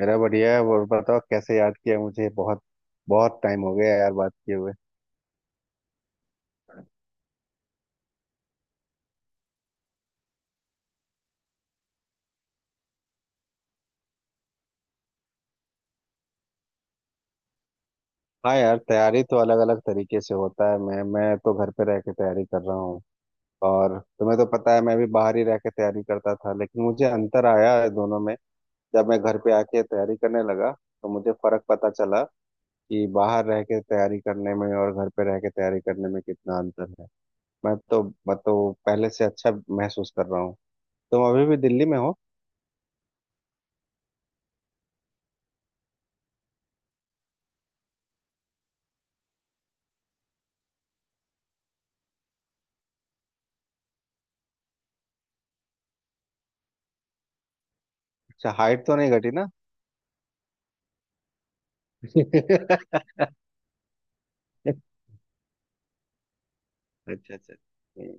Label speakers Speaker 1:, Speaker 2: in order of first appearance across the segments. Speaker 1: मेरा बढ़िया है। और बताओ कैसे याद किया मुझे। बहुत बहुत टाइम हो गया यार बात किए हुए। हाँ यार, तैयारी तो अलग अलग तरीके से होता है। मैं तो घर पे रह के तैयारी कर रहा हूँ। और तुम्हें तो पता है मैं भी बाहर ही रह के तैयारी करता था, लेकिन मुझे अंतर आया है दोनों में। जब मैं घर पे आके तैयारी करने लगा तो मुझे फर्क पता चला कि बाहर रह के तैयारी करने में और घर पे रह के तैयारी करने में कितना अंतर है। मैं तो मैं तो पहले से अच्छा महसूस कर रहा हूँ। तुम अभी भी दिल्ली में हो? अच्छा, हाइट तो नहीं घटी ना? अच्छा अच्छा, हम्म।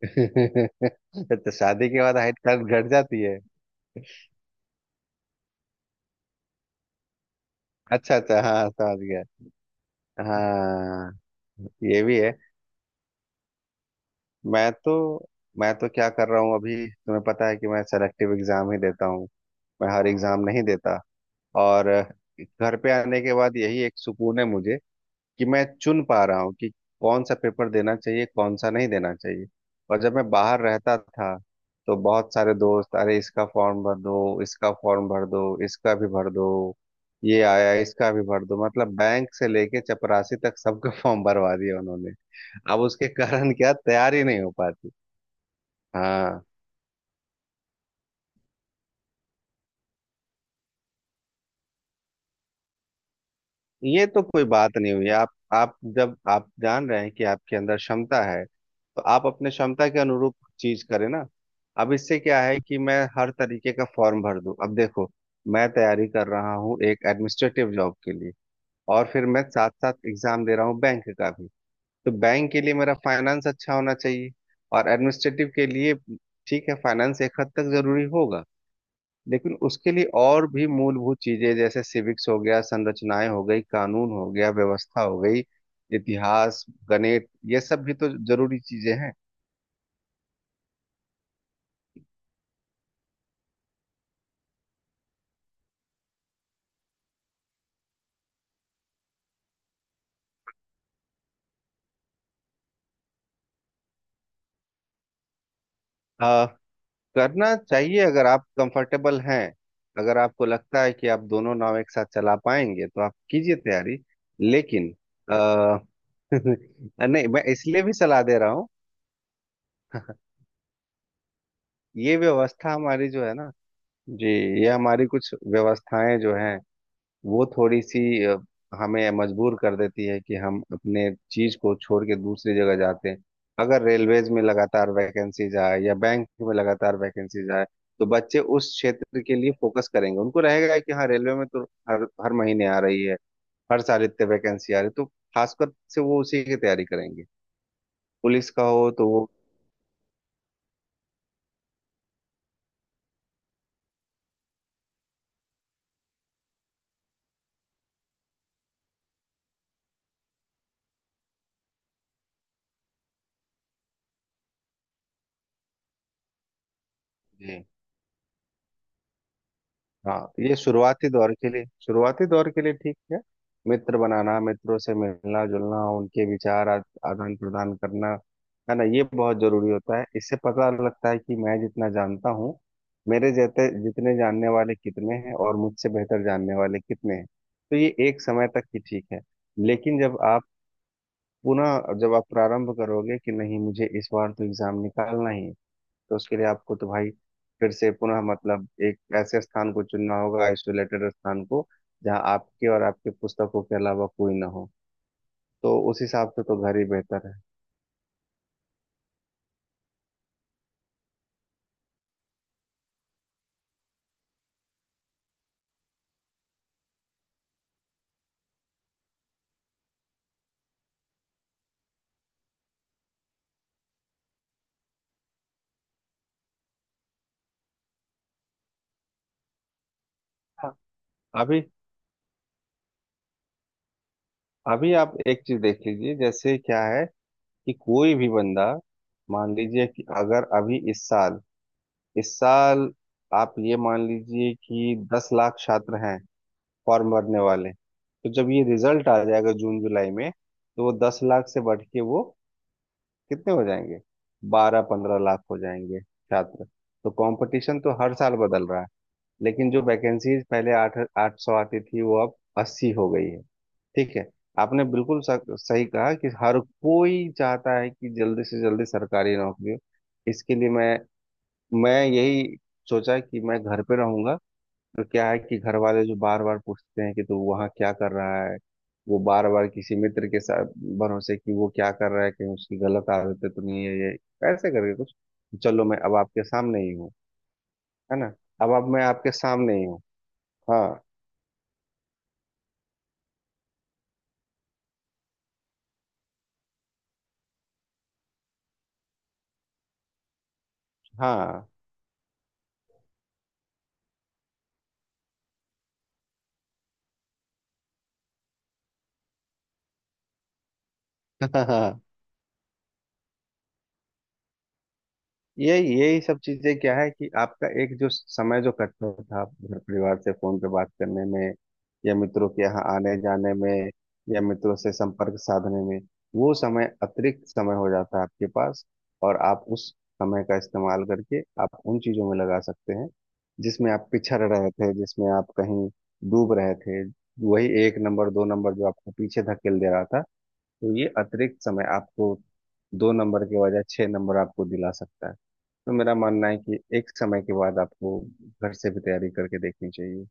Speaker 1: तो शादी के बाद हाइट कट घट जाती है? अच्छा अच्छा, हाँ समझ गया। हाँ। ये भी है। मैं तो मैं तो क्या कर रहा हूँ, अभी तुम्हें पता है कि मैं सेलेक्टिव एग्जाम ही देता हूँ। मैं हर एग्जाम नहीं देता। और घर पे आने के बाद यही एक सुकून है मुझे कि मैं चुन पा रहा हूँ कि कौन सा पेपर देना चाहिए कौन सा नहीं देना चाहिए। और जब मैं बाहर रहता था तो बहुत सारे दोस्त, अरे इसका फॉर्म भर दो, इसका फॉर्म भर दो, इसका भी भर दो, ये आया इसका भी भर दो, मतलब बैंक से लेके चपरासी तक सबका फॉर्म भरवा दिया उन्होंने। अब उसके कारण क्या तैयारी नहीं हो पाती। हाँ। ये तो कोई बात नहीं हुई। आप जब आप जान रहे हैं कि आपके अंदर क्षमता है तो आप अपने क्षमता के अनुरूप चीज करें ना। अब इससे क्या है कि मैं हर तरीके का फॉर्म भर दूं? अब देखो, मैं तैयारी कर रहा हूँ एक एडमिनिस्ट्रेटिव जॉब के लिए, और फिर मैं साथ साथ एग्जाम दे रहा हूँ बैंक का भी। तो बैंक के लिए मेरा फाइनेंस अच्छा होना चाहिए, और एडमिनिस्ट्रेटिव के लिए ठीक है, फाइनेंस एक हद तक जरूरी होगा, लेकिन उसके लिए और भी मूलभूत चीजें जैसे सिविक्स हो गया, संरचनाएं हो गई, कानून हो गया, व्यवस्था हो गई, इतिहास, गणित, ये सब भी तो जरूरी चीजें हैं। आ, करना चाहिए अगर आप कंफर्टेबल हैं। अगर आपको लगता है कि आप दोनों नाव एक साथ चला पाएंगे तो आप कीजिए तैयारी। लेकिन आ, नहीं, मैं इसलिए भी सलाह दे रहा हूँ। ये व्यवस्था हमारी जो है ना। जी। ये हमारी कुछ व्यवस्थाएं जो हैं वो थोड़ी सी हमें मजबूर कर देती है कि हम अपने चीज को छोड़ के दूसरी जगह जाते हैं। अगर रेलवेज में लगातार वैकेंसीज आए या बैंक में लगातार वैकेंसीज आए तो बच्चे उस क्षेत्र के लिए फोकस करेंगे, उनको रहेगा कि हाँ रेलवे में तो हर हर महीने आ रही है, हर साल इतने वैकेंसी आ रही है, तो खासकर से वो उसी की तैयारी करेंगे। पुलिस का हो तो वो। जी। हाँ, ये शुरुआती दौर के लिए, शुरुआती दौर के लिए ठीक है। मित्र बनाना, मित्रों से मिलना जुलना, उनके विचार आदान प्रदान करना, है ना, ये बहुत जरूरी होता है। इससे पता लगता है कि मैं जितना जानता हूँ मेरे जैसे जितने जानने वाले कितने हैं और मुझसे बेहतर जानने वाले कितने हैं। तो ये एक समय तक ही ठीक है। लेकिन जब आप पुनः, जब आप प्रारंभ करोगे कि नहीं मुझे इस बार तो एग्जाम निकालना ही है तो उसके लिए आपको तो भाई फिर से पुनः मतलब एक ऐसे स्थान को चुनना होगा, आइसोलेटेड स्थान को, जहाँ आपके और आपके पुस्तकों के अलावा कोई ना हो। तो उस हिसाब से तो घर ही बेहतर है। हाँ, अभी अभी आप एक चीज देख लीजिए जैसे क्या है कि कोई भी बंदा, मान लीजिए कि अगर अभी इस साल आप ये मान लीजिए कि दस लाख छात्र हैं फॉर्म भरने वाले, तो जब ये रिजल्ट आ जाएगा जून जुलाई में तो वो दस लाख से बढ़ के वो कितने हो जाएंगे, बारह पंद्रह लाख हो जाएंगे छात्र। तो कंपटीशन तो हर साल बदल रहा है। लेकिन जो वैकेंसीज पहले आठ आठ सौ आती थी वो अब अस्सी हो गई है। ठीक है, आपने बिल्कुल सही कहा कि हर कोई चाहता है कि जल्दी से जल्दी सरकारी नौकरी हो। इसके लिए मैं यही सोचा कि मैं घर पे रहूंगा। तो क्या है कि घर वाले जो बार बार पूछते हैं कि तू वहाँ क्या कर रहा है, वो बार बार किसी मित्र के साथ भरोसे कि वो क्या कर रहा है, कि उसकी गलत आदतें तो नहीं है, ये कैसे करके कुछ। चलो, मैं अब आपके सामने ही हूँ। है ना। अब मैं आपके सामने ही हूँ। हाँ हाँ। यही यही सब चीजें क्या है कि आपका एक जो समय जो कटता था घर परिवार से फोन पे बात करने में, या मित्रों के यहाँ आने जाने में, या मित्रों से संपर्क साधने में, वो समय अतिरिक्त समय हो जाता है आपके पास। और आप उस समय का इस्तेमाल करके आप उन चीजों में लगा सकते हैं जिसमें आप पिछड़ रहे थे, जिसमें आप कहीं डूब रहे थे। वही एक नंबर दो नंबर जो आपको पीछे धकेल दे रहा था, तो ये अतिरिक्त समय आपको दो नंबर के बजाय छह नंबर आपको दिला सकता है। तो मेरा मानना है कि एक समय के बाद आपको घर से भी तैयारी करके देखनी चाहिए।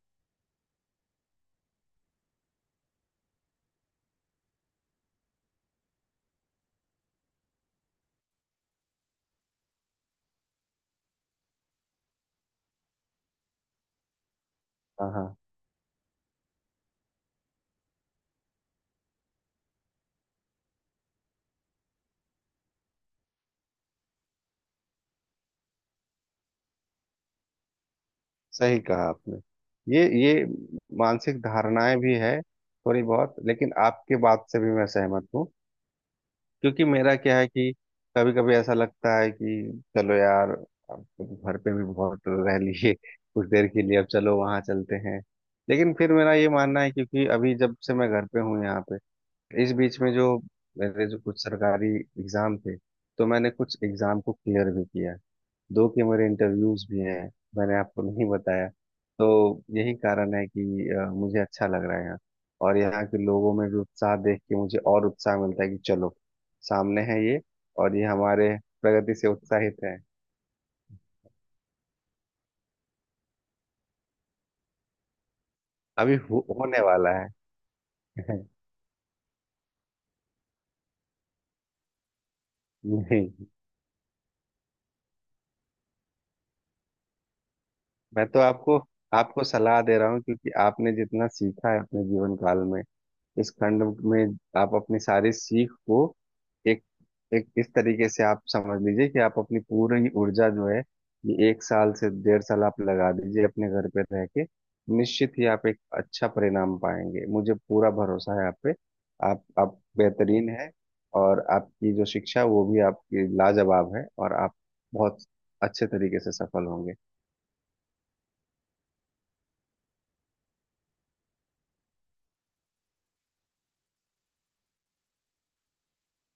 Speaker 1: हाँ हाँ, सही कहा आपने। ये मानसिक धारणाएं भी है थोड़ी बहुत, लेकिन आपके बात से भी मैं सहमत हूँ, क्योंकि मेरा क्या है कि कभी कभी ऐसा लगता है कि चलो यार अब तो घर पे भी बहुत रह लिए, कुछ देर के लिए अब चलो वहां चलते हैं। लेकिन फिर मेरा ये मानना है, क्योंकि अभी जब से मैं घर पे हूँ यहाँ, इस बीच में जो मेरे जो कुछ सरकारी एग्जाम थे तो मैंने कुछ एग्जाम को क्लियर भी किया, दो के मेरे इंटरव्यूज भी हैं, मैंने आपको नहीं बताया। तो यही कारण है कि मुझे अच्छा लग रहा है यहाँ। और यहाँ के लोगों में भी उत्साह देख के मुझे और उत्साह मिलता है कि चलो सामने है ये, और ये हमारे प्रगति से उत्साहित है। अभी होने वाला है। नहीं, मैं तो आपको आपको सलाह दे रहा हूँ, क्योंकि आपने जितना सीखा है अपने जीवन काल में इस खंड में, आप अपनी सारी सीख को एक एक इस तरीके से आप समझ लीजिए कि आप अपनी पूरी ऊर्जा जो है ये एक साल से डेढ़ साल आप लगा दीजिए अपने घर पे रह के। निश्चित ही आप एक अच्छा परिणाम पाएंगे, मुझे पूरा भरोसा है आप पे। आप बेहतरीन है। और आपकी जो शिक्षा वो भी आपकी लाजवाब है, और आप बहुत अच्छे तरीके से सफल होंगे।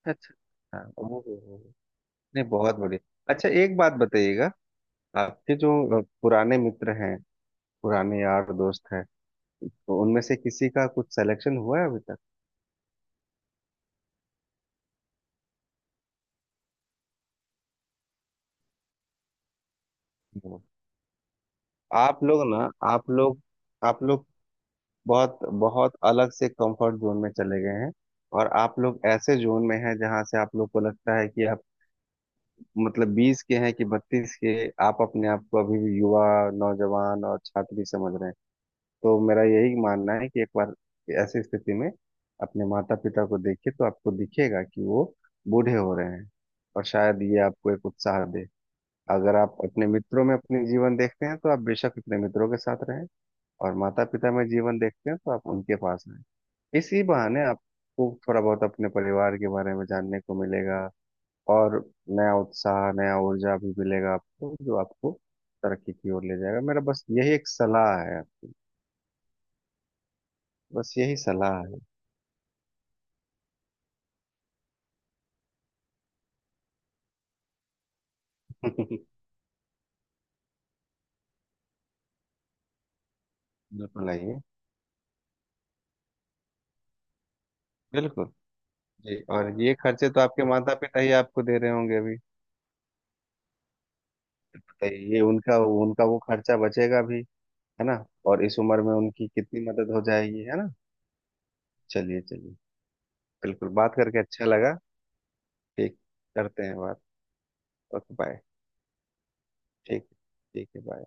Speaker 1: अच्छा, हाँ ओहो हो हो। नहीं बहुत बढ़िया। अच्छा, एक बात बताइएगा, आपके जो पुराने मित्र हैं, पुराने यार दोस्त हैं, तो उनमें से किसी का कुछ सिलेक्शन हुआ है अभी तक? नहीं। आप लोग ना आप लोग बहुत बहुत अलग से कंफर्ट जोन में चले गए हैं, और आप लोग ऐसे जोन में हैं जहां से आप लोग को लगता है कि आप मतलब बीस के हैं कि बत्तीस के। आप अपने आप को अभी भी युवा, नौजवान और छात्री समझ रहे हैं। तो मेरा यही मानना है कि एक बार ऐसी स्थिति में अपने माता पिता को देखिए तो आपको दिखेगा कि वो बूढ़े हो रहे हैं, और शायद ये आपको एक उत्साह दे। अगर आप अपने मित्रों में अपने जीवन देखते हैं तो आप बेशक अपने मित्रों के साथ रहें, और माता पिता में जीवन देखते हैं तो आप उनके पास रहें। इसी बहाने आपको थोड़ा बहुत अपने परिवार के बारे में जानने को मिलेगा, और नया उत्साह, नया ऊर्जा भी मिलेगा आपको, जो आपको तरक्की की ओर ले जाएगा। मेरा बस यही एक सलाह है आपकी। बस यही सलाह है। बिल्कुल आइए। बिल्कुल। जी, और ये खर्चे तो आपके माता पिता ही आपको दे रहे होंगे अभी। तो ये उनका उनका वो खर्चा बचेगा भी, है ना। और इस उम्र में उनकी कितनी मदद हो जाएगी, है ना। चलिए चलिए, बिल्कुल, बात करके अच्छा लगा। ठीक, करते हैं बात। Okay bye. ठीक ठीक है, bye।